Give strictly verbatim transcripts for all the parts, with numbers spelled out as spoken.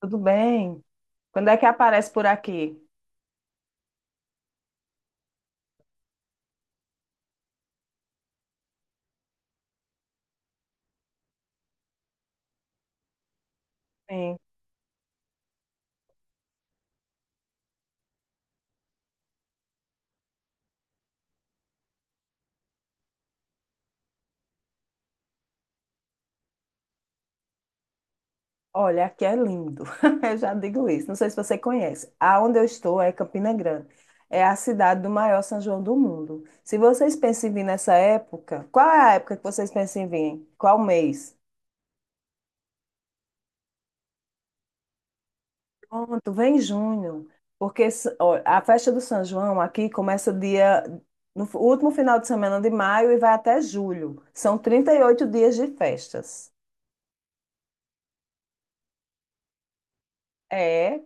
Tudo bem? Quando é que aparece por aqui? Sim. Olha, aqui é lindo. Eu já digo isso. Não sei se você conhece. Aonde eu estou é Campina Grande. É a cidade do maior São João do mundo. Se vocês pensam em vir nessa época, qual é a época que vocês pensam em vir? Qual mês? Pronto, vem junho. Porque s- ó, a festa do São João aqui começa dia no f- último final de semana de maio e vai até julho. São trinta e oito dias de festas. É,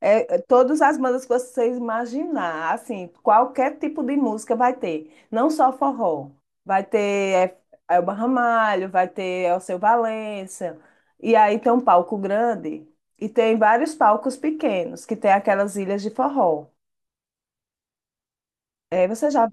é, é, todas as bandas que vocês imaginar, assim, qualquer tipo de música vai ter, não só forró, vai ter é, Elba Ramalho, vai ter Alceu Valença, e aí tem um palco grande e tem vários palcos pequenos, que tem aquelas ilhas de forró. É, você já...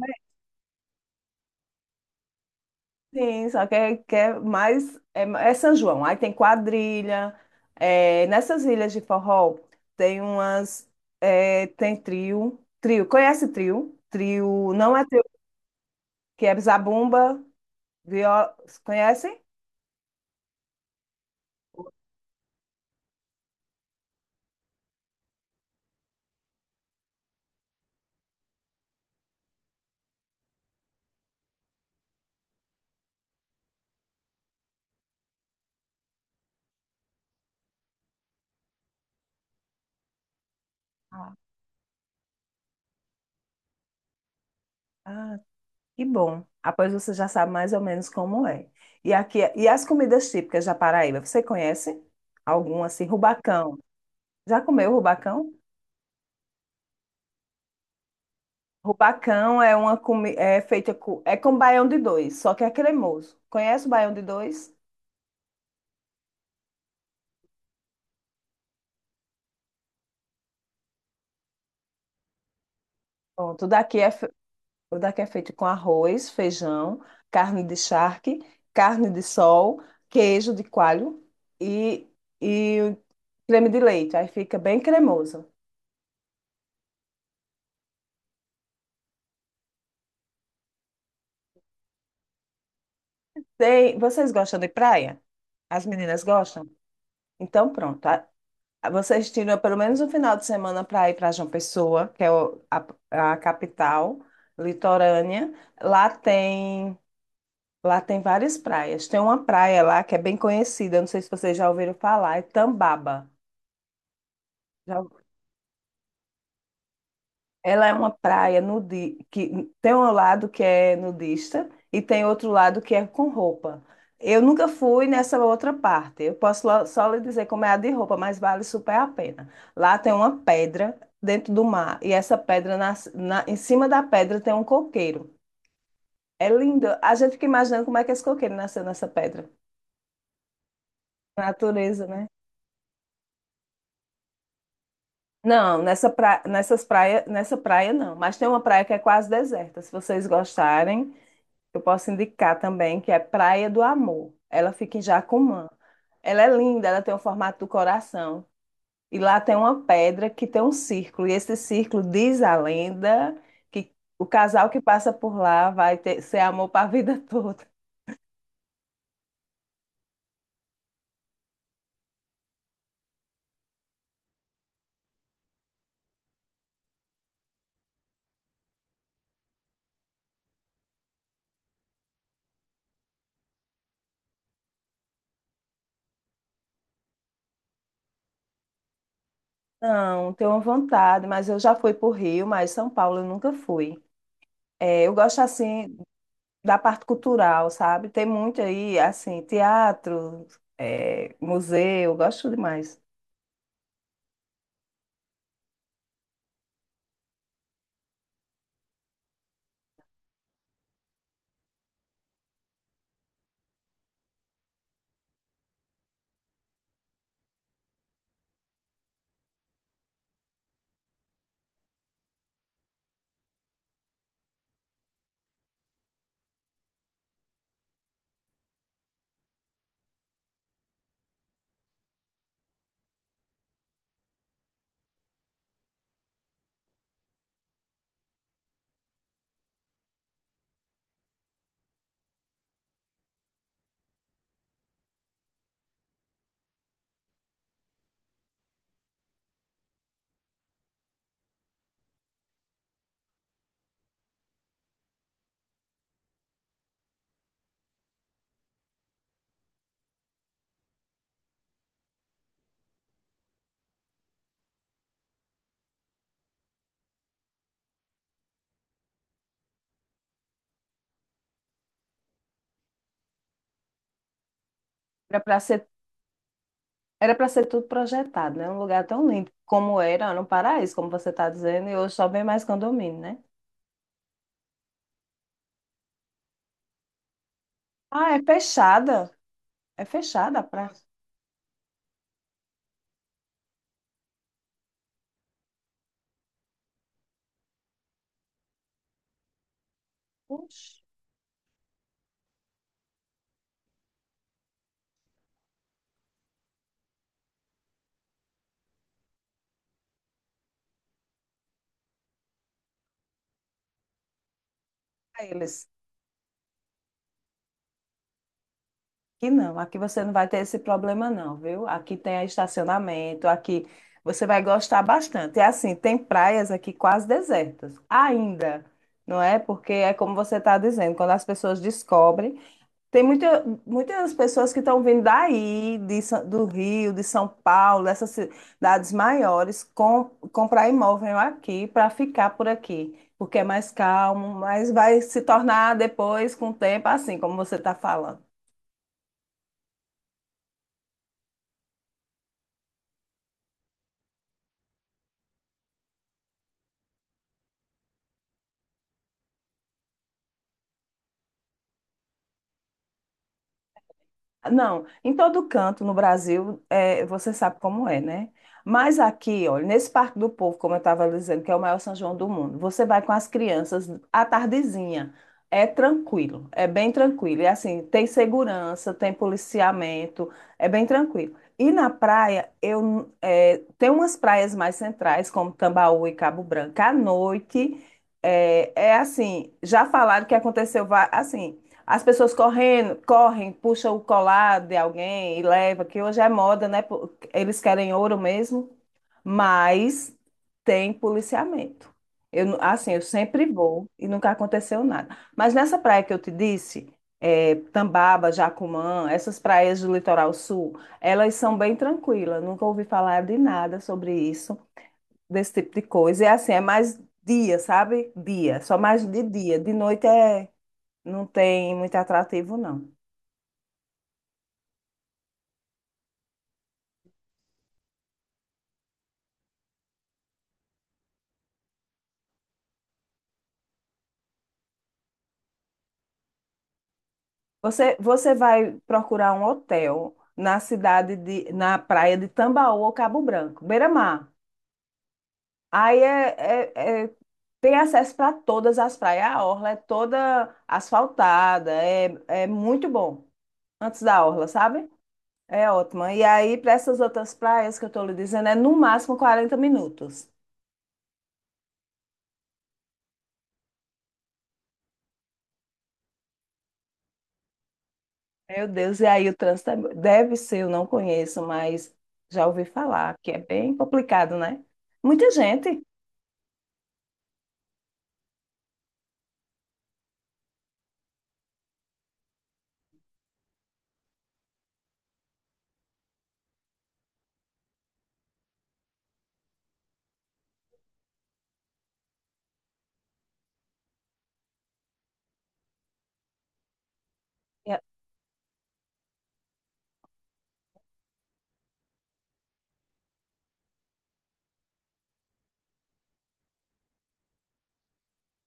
Sim, só que é, que é mais. É, é São João. Aí tem quadrilha. É, nessas ilhas de forró tem umas. É, tem trio. Trio. Conhece trio? Trio. Não é trio, que é zabumba. Viola, conhecem? Ah, ah, que bom. Após você já sabe mais ou menos como é. E aqui, e as comidas típicas da Paraíba, você conhece? Alguma assim? Rubacão. Já comeu rubacão? Rubacão é uma comi- é feita com, é com baião de dois, só que é cremoso. Conhece o baião de dois? Pronto, o daqui é, fe- o daqui é feito com arroz, feijão, carne de charque, carne de sol, queijo de coalho e, e creme de leite. Aí fica bem cremoso. Tem- vocês gostam de praia? As meninas gostam? Então pronto. Vocês tiram pelo menos um final de semana para ir para João Pessoa, que é o- a, a capital litorânea. Lá tem, lá tem várias praias. Tem uma praia lá que é bem conhecida, não sei se vocês já ouviram falar, é Tambaba. Ela é uma praia nudi que tem um lado que é nudista e tem outro lado que é com roupa. Eu nunca fui nessa outra parte. Eu posso lo- só lhe dizer como é a de roupa, mas vale super a pena. Lá tem uma pedra dentro do mar e essa pedra nas- na- em cima da pedra tem um coqueiro. É lindo. A gente fica imaginando como é que esse coqueiro nasceu nessa pedra. Natureza, né? Não, nessa pra... nessas praia... nessa praia não. Mas tem uma praia que é quase deserta. Se vocês gostarem, eu posso indicar também que é Praia do Amor. Ela fica em Jacumã. Ela é linda, ela tem o formato do coração. E lá tem uma pedra que tem um círculo. E esse círculo diz a lenda que o casal que passa por lá vai ter, ser amor para a vida toda. Não, tenho vontade, mas eu já fui para o Rio, mas São Paulo eu nunca fui. É, eu gosto assim da parte cultural, sabe? Tem muito aí, assim, teatro, é, museu, eu gosto demais. Era para ser Era para ser tudo projetado, né? Um lugar tão lindo como era no Paraíso, como você está dizendo, e hoje só vem mais condomínio, né? Ah, é fechada. É fechada para eles. Que não, aqui você não vai ter esse problema, não, viu? Aqui tem estacionamento, aqui você vai gostar bastante. É assim, tem praias aqui quase desertas, ainda, não é? Porque é como você está dizendo, quando as pessoas descobrem. Tem muita, muitas pessoas que estão vindo daí, de Sa- do Rio, de São Paulo, dessas cidades maiores, com, comprar imóvel aqui para ficar por aqui, porque é mais calmo, mas vai se tornar depois, com o tempo, assim como você está falando. Não, em todo canto no Brasil, é, você sabe como é, né? Mas aqui, olha, nesse Parque do Povo, como eu estava dizendo, que é o maior São João do mundo, você vai com as crianças à tardezinha. É tranquilo, é bem tranquilo. E assim, tem segurança, tem policiamento, é bem tranquilo. E na praia, eu, é, tem umas praias mais centrais, como Tambaú e Cabo Branco. À noite, é, é assim, já falaram que aconteceu, va- assim. As pessoas correndo, correm, puxam o colar de alguém e leva, que hoje é moda, né? Pô, eles querem ouro mesmo, mas tem policiamento. Eu, nu- assim, eu sempre vou e nunca aconteceu nada. Mas nessa praia que eu te disse, é, Tambaba, Jacumã, essas praias do litoral sul, elas são bem tranquilas. Nunca ouvi falar de nada sobre isso, desse tipo de coisa. E assim, é mais dia, sabe? Dia, só mais de dia. De noite é... não tem muito atrativo, não. Você, você vai procurar um hotel na cidade de, na praia de Tambaú ou Cabo Branco, beira-mar. Aí é, é- é- tem acesso para todas as praias. A orla é toda asfaltada, é, é muito bom. Antes da orla, sabe? É ótima. E aí, para essas outras praias que eu estou lhe dizendo, é no máximo quarenta minutos. Meu Deus, e aí o trânsito é- deve ser, eu não conheço, mas já ouvi falar que é bem complicado, né? Muita gente. E é-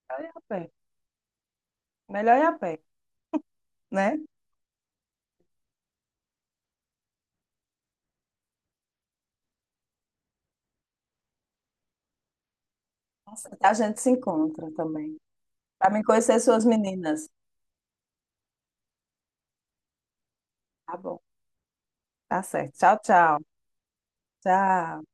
Melhor ir a pé, melhor ir a pé, né? Nossa, a gente se encontra também. Para me conhecer suas meninas. Tá bom, tá certo. Tchau, tchau. Tchau.